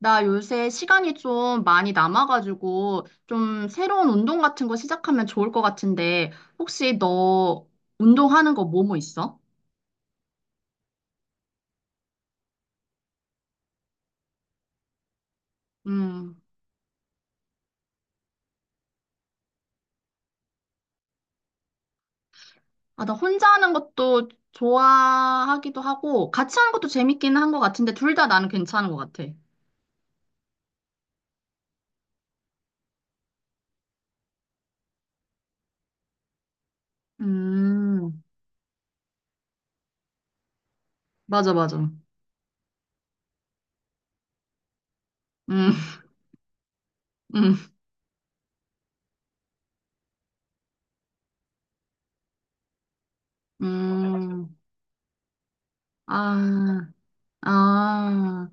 나 요새 시간이 좀 많이 남아가지고 좀 새로운 운동 같은 거 시작하면 좋을 것 같은데 혹시 너 운동하는 거 뭐뭐 있어? 음, 아, 나 혼자 하는 것도 좋아하기도 하고 같이 하는 것도 재밌기는 한 것 같은데 둘 다 나는 괜찮은 것 같아. 음, 맞아, 맞아. 음, 음, 음, 아, 아.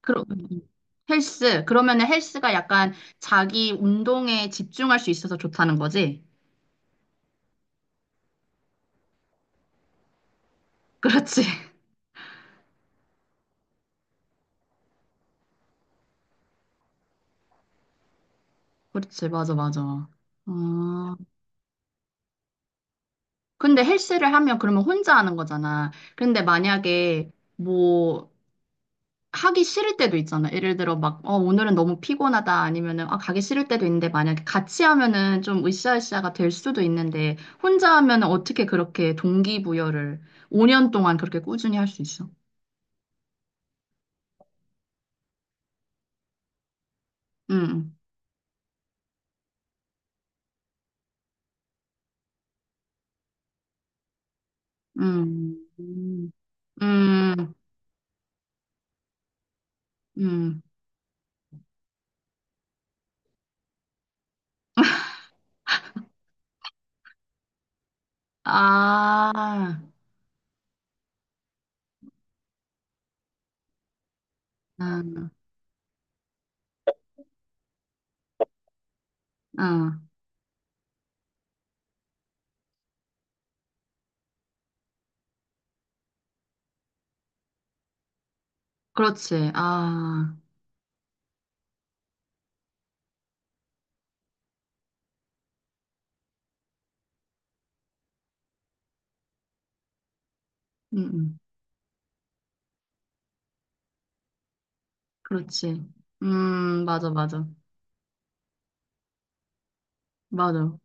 그럼 헬스. 그러면은 헬스가 약간 자기 운동에 집중할 수 있어서 좋다는 거지? 그렇지. 그렇지. 맞아, 맞아. 아, 근데 헬스를 하면 그러면 혼자 하는 거잖아. 근데 만약에 뭐 하기 싫을 때도 있잖아. 예를 들어 막, 어, 오늘은 너무 피곤하다. 아니면은, 아, 가기 싫을 때도 있는데 만약에 같이 하면은 좀 으쌰으쌰가 될 수도 있는데 혼자 하면은 어떻게 그렇게 동기부여를 5년 동안 그렇게 꾸준히 할 수 있어? 응. 응. 음, 음, 음, 음. 아, 아, 아, 그렇지. 아, 음, 음. 그렇지. 맞아, 맞아, 맞아.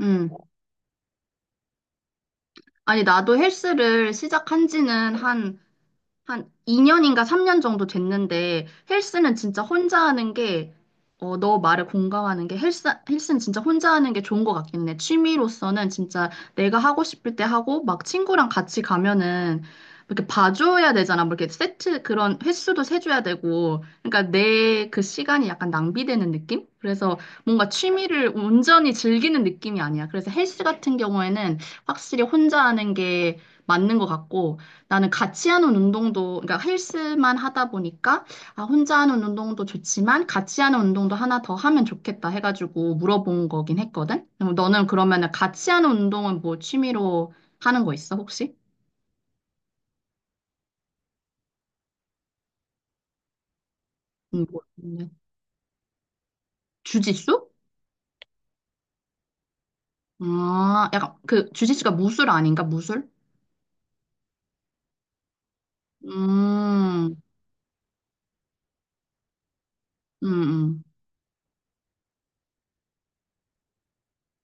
음. 아니, 나도 헬스를 시작한 지는 한 한 2년인가 3년 정도 됐는데 헬스는 진짜 혼자 하는 게, 어, 너 말에 공감하는 게 헬스는 진짜 혼자 하는 게 좋은 것 같긴 해. 취미로서는 진짜 내가 하고 싶을 때 하고 막 친구랑 같이 가면은 이렇게 봐줘야 되잖아. 뭐 이렇게 세트 그런 횟수도 세줘야 되고. 그러니까 내 그 시간이 약간 낭비되는 느낌? 그래서 뭔가 취미를 온전히 즐기는 느낌이 아니야. 그래서 헬스 같은 경우에는 확실히 혼자 하는 게 맞는 것 같고. 나는 같이 하는 운동도, 그러니까 헬스만 하다 보니까, 아, 혼자 하는 운동도 좋지만, 같이 하는 운동도 하나 더 하면 좋겠다 해가지고 물어본 거긴 했거든? 그럼 너는 그러면은 같이 하는 운동은 뭐 취미로 하는 거 있어, 혹시? 뭐, 주짓수? 아, 약간 그 주짓수가 무술 아닌가? 무술? 음, 음, 음,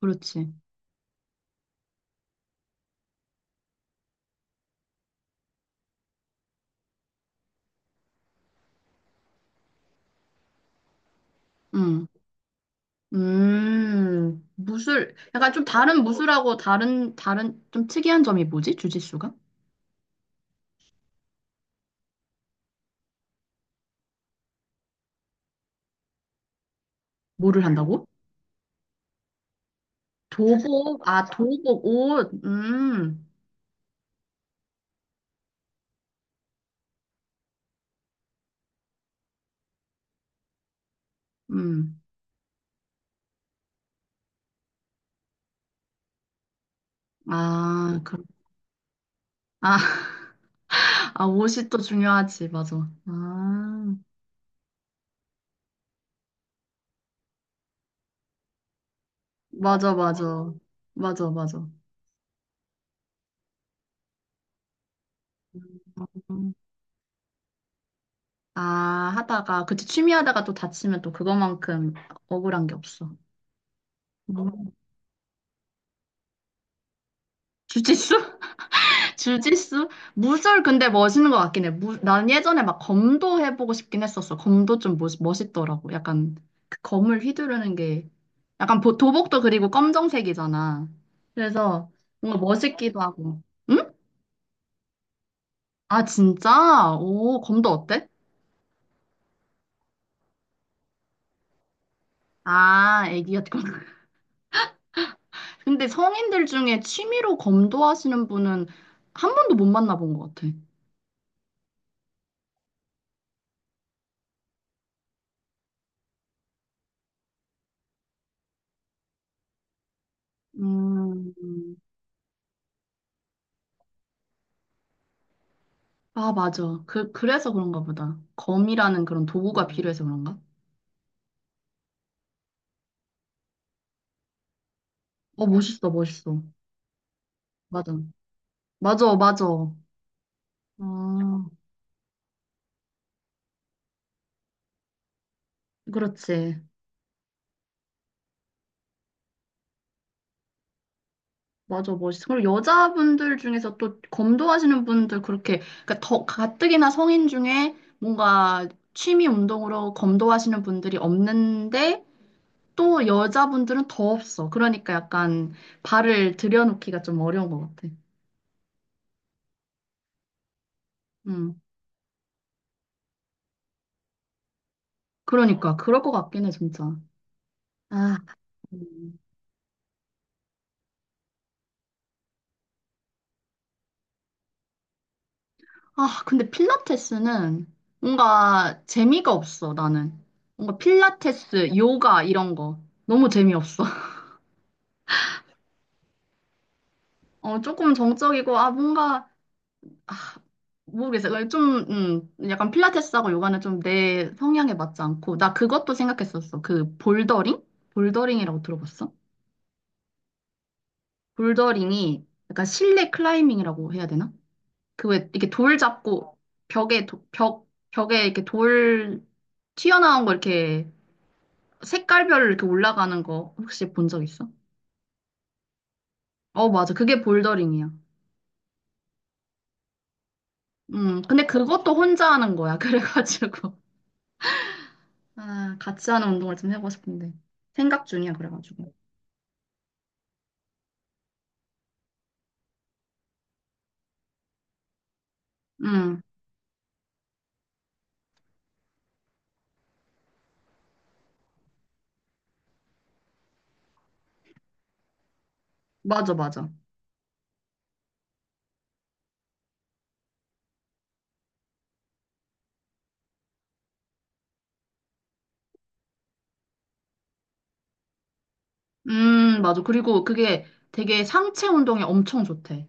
그렇지. 음, 무술. 약간 좀 다른 무술하고 다른, 좀 특이한 점이 뭐지? 주짓수가? 뭐를 한다고? 도복, 아, 도복, 옷, 음. 아, 그, 아, 아, 옷이 또 중요하지, 맞아. 아, 맞아, 맞아. 맞아, 맞아. 음. 아, 하다가, 그치, 취미 하다가 또 다치면 또 그것만큼 억울한 게 없어. 음. 주짓수? 주짓수? 무술 근데 멋있는 것 같긴 해. 무, 난 예전에 막 검도 해보고 싶긴 했었어. 검도 좀 멋, 멋있더라고. 약간 그 검을 휘두르는 게 약간 도복도 그리고 검정색이잖아. 그래서 뭔가 멋있기도 하고. 응? 아, 진짜? 오, 검도 어때? 아, 애기 같구나. 근데 성인들 중에 취미로 검도 하시는 분은 한 번도 못 만나본 것 같아. 음, 음. 아, 맞아. 그, 그래서 그런가 보다. 검이라는 그런 도구가 필요해서 그런가? 어, 멋있어, 멋있어. 맞아. 맞아, 맞아. 아, 그렇지. 맞아, 멋있어. 그리고 여자분들 중에서 또 검도하시는 분들 그렇게, 그러니까 더 가뜩이나 성인 중에 뭔가 취미 운동으로 검도하시는 분들이 없는데 또 여자분들은 더 없어. 그러니까 약간 발을 들여놓기가 좀 어려운 것 같아. 음, 그러니까. 그럴 것 같긴 해, 진짜. 아. 음. 아, 근데 필라테스는 뭔가 재미가 없어, 나는. 뭔가 필라테스, 요가 이런 거 너무 재미없어. 어, 조금 정적이고, 아, 뭔가, 아, 모르겠어. 그냥 좀, 약간 필라테스하고 요가는 좀 내 성향에 맞지 않고, 나 그것도 생각했었어. 그 볼더링? 볼더링이라고 들어봤어? 볼더링이 약간 실내 클라이밍이라고 해야 되나? 그 왜 이렇게 돌 잡고 벽에, 도- 벽, 벽에 이렇게 돌 튀어나온 거 이렇게 색깔별로 이렇게 올라가는 거 혹시 본 적 있어? 어, 맞아. 그게 볼더링이야. 근데 그것도 혼자 하는 거야. 그래가지고. 아, 같이 하는 운동을 좀 해보고 싶은데. 생각 중이야, 그래가지고. 음, 맞아, 맞아. 맞아. 그리고 그게 되게 상체 운동에 엄청 좋대.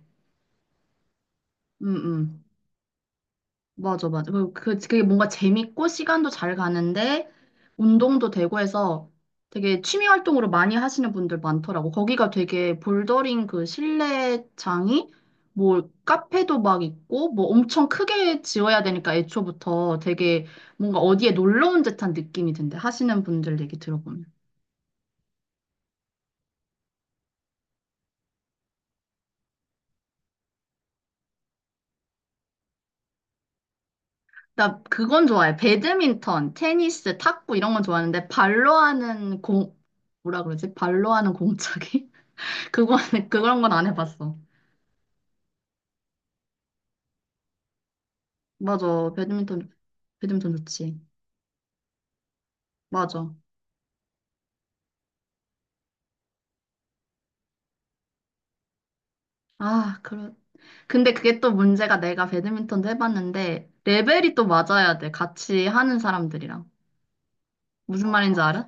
음, 음. 맞아, 맞아. 그리고 그, 그게 뭔가 재밌고 시간도 잘 가는데 운동도 되고 해서 되게 취미 활동으로 많이 하시는 분들 많더라고. 거기가 되게 볼더링 그 실내장이 뭐 카페도 막 있고 뭐 엄청 크게 지어야 되니까 애초부터 되게 뭔가 어디에 놀러 온 듯한 느낌이 든대. 하시는 분들 얘기 들어보면. 나 그건 좋아해. 배드민턴, 테니스, 탁구 이런 건 좋아하는데 발로 하는 공, 뭐라 그러지? 발로 하는 공차기? 그거, 그런 건 안 해봤어. 맞아. 배드민턴, 배드민턴 좋지. 맞아. 아, 그래. 근데 그게 또 문제가 내가 배드민턴도 해봤는데, 레벨이 또 맞아야 돼. 같이 하는 사람들이랑. 무슨 말인지 알아?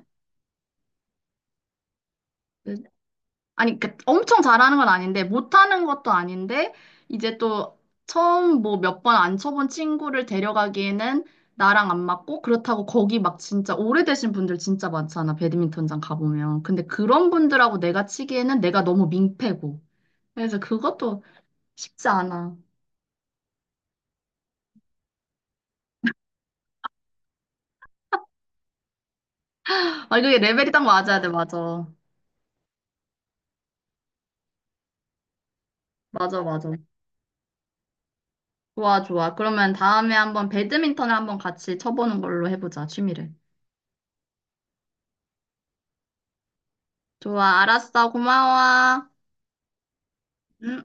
그- 아니, 그 엄청 잘하는 건 아닌데, 못하는 것도 아닌데, 이제 또 처음 뭐 몇 번 안 쳐본 친구를 데려가기에는 나랑 안 맞고, 그렇다고 거기 막 진짜 오래되신 분들 진짜 많잖아. 배드민턴장 가보면. 근데 그런 분들하고 내가 치기에는 내가 너무 민폐고. 그래서 그것도 쉽지 않아. 아, 이게 레벨이 딱 맞아야 돼, 맞아. 맞아, 맞아. 좋아, 좋아. 그러면 다음에 한번 배드민턴을 한번 같이 쳐보는 걸로 해보자, 취미를. 좋아, 알았어. 고마워. 음.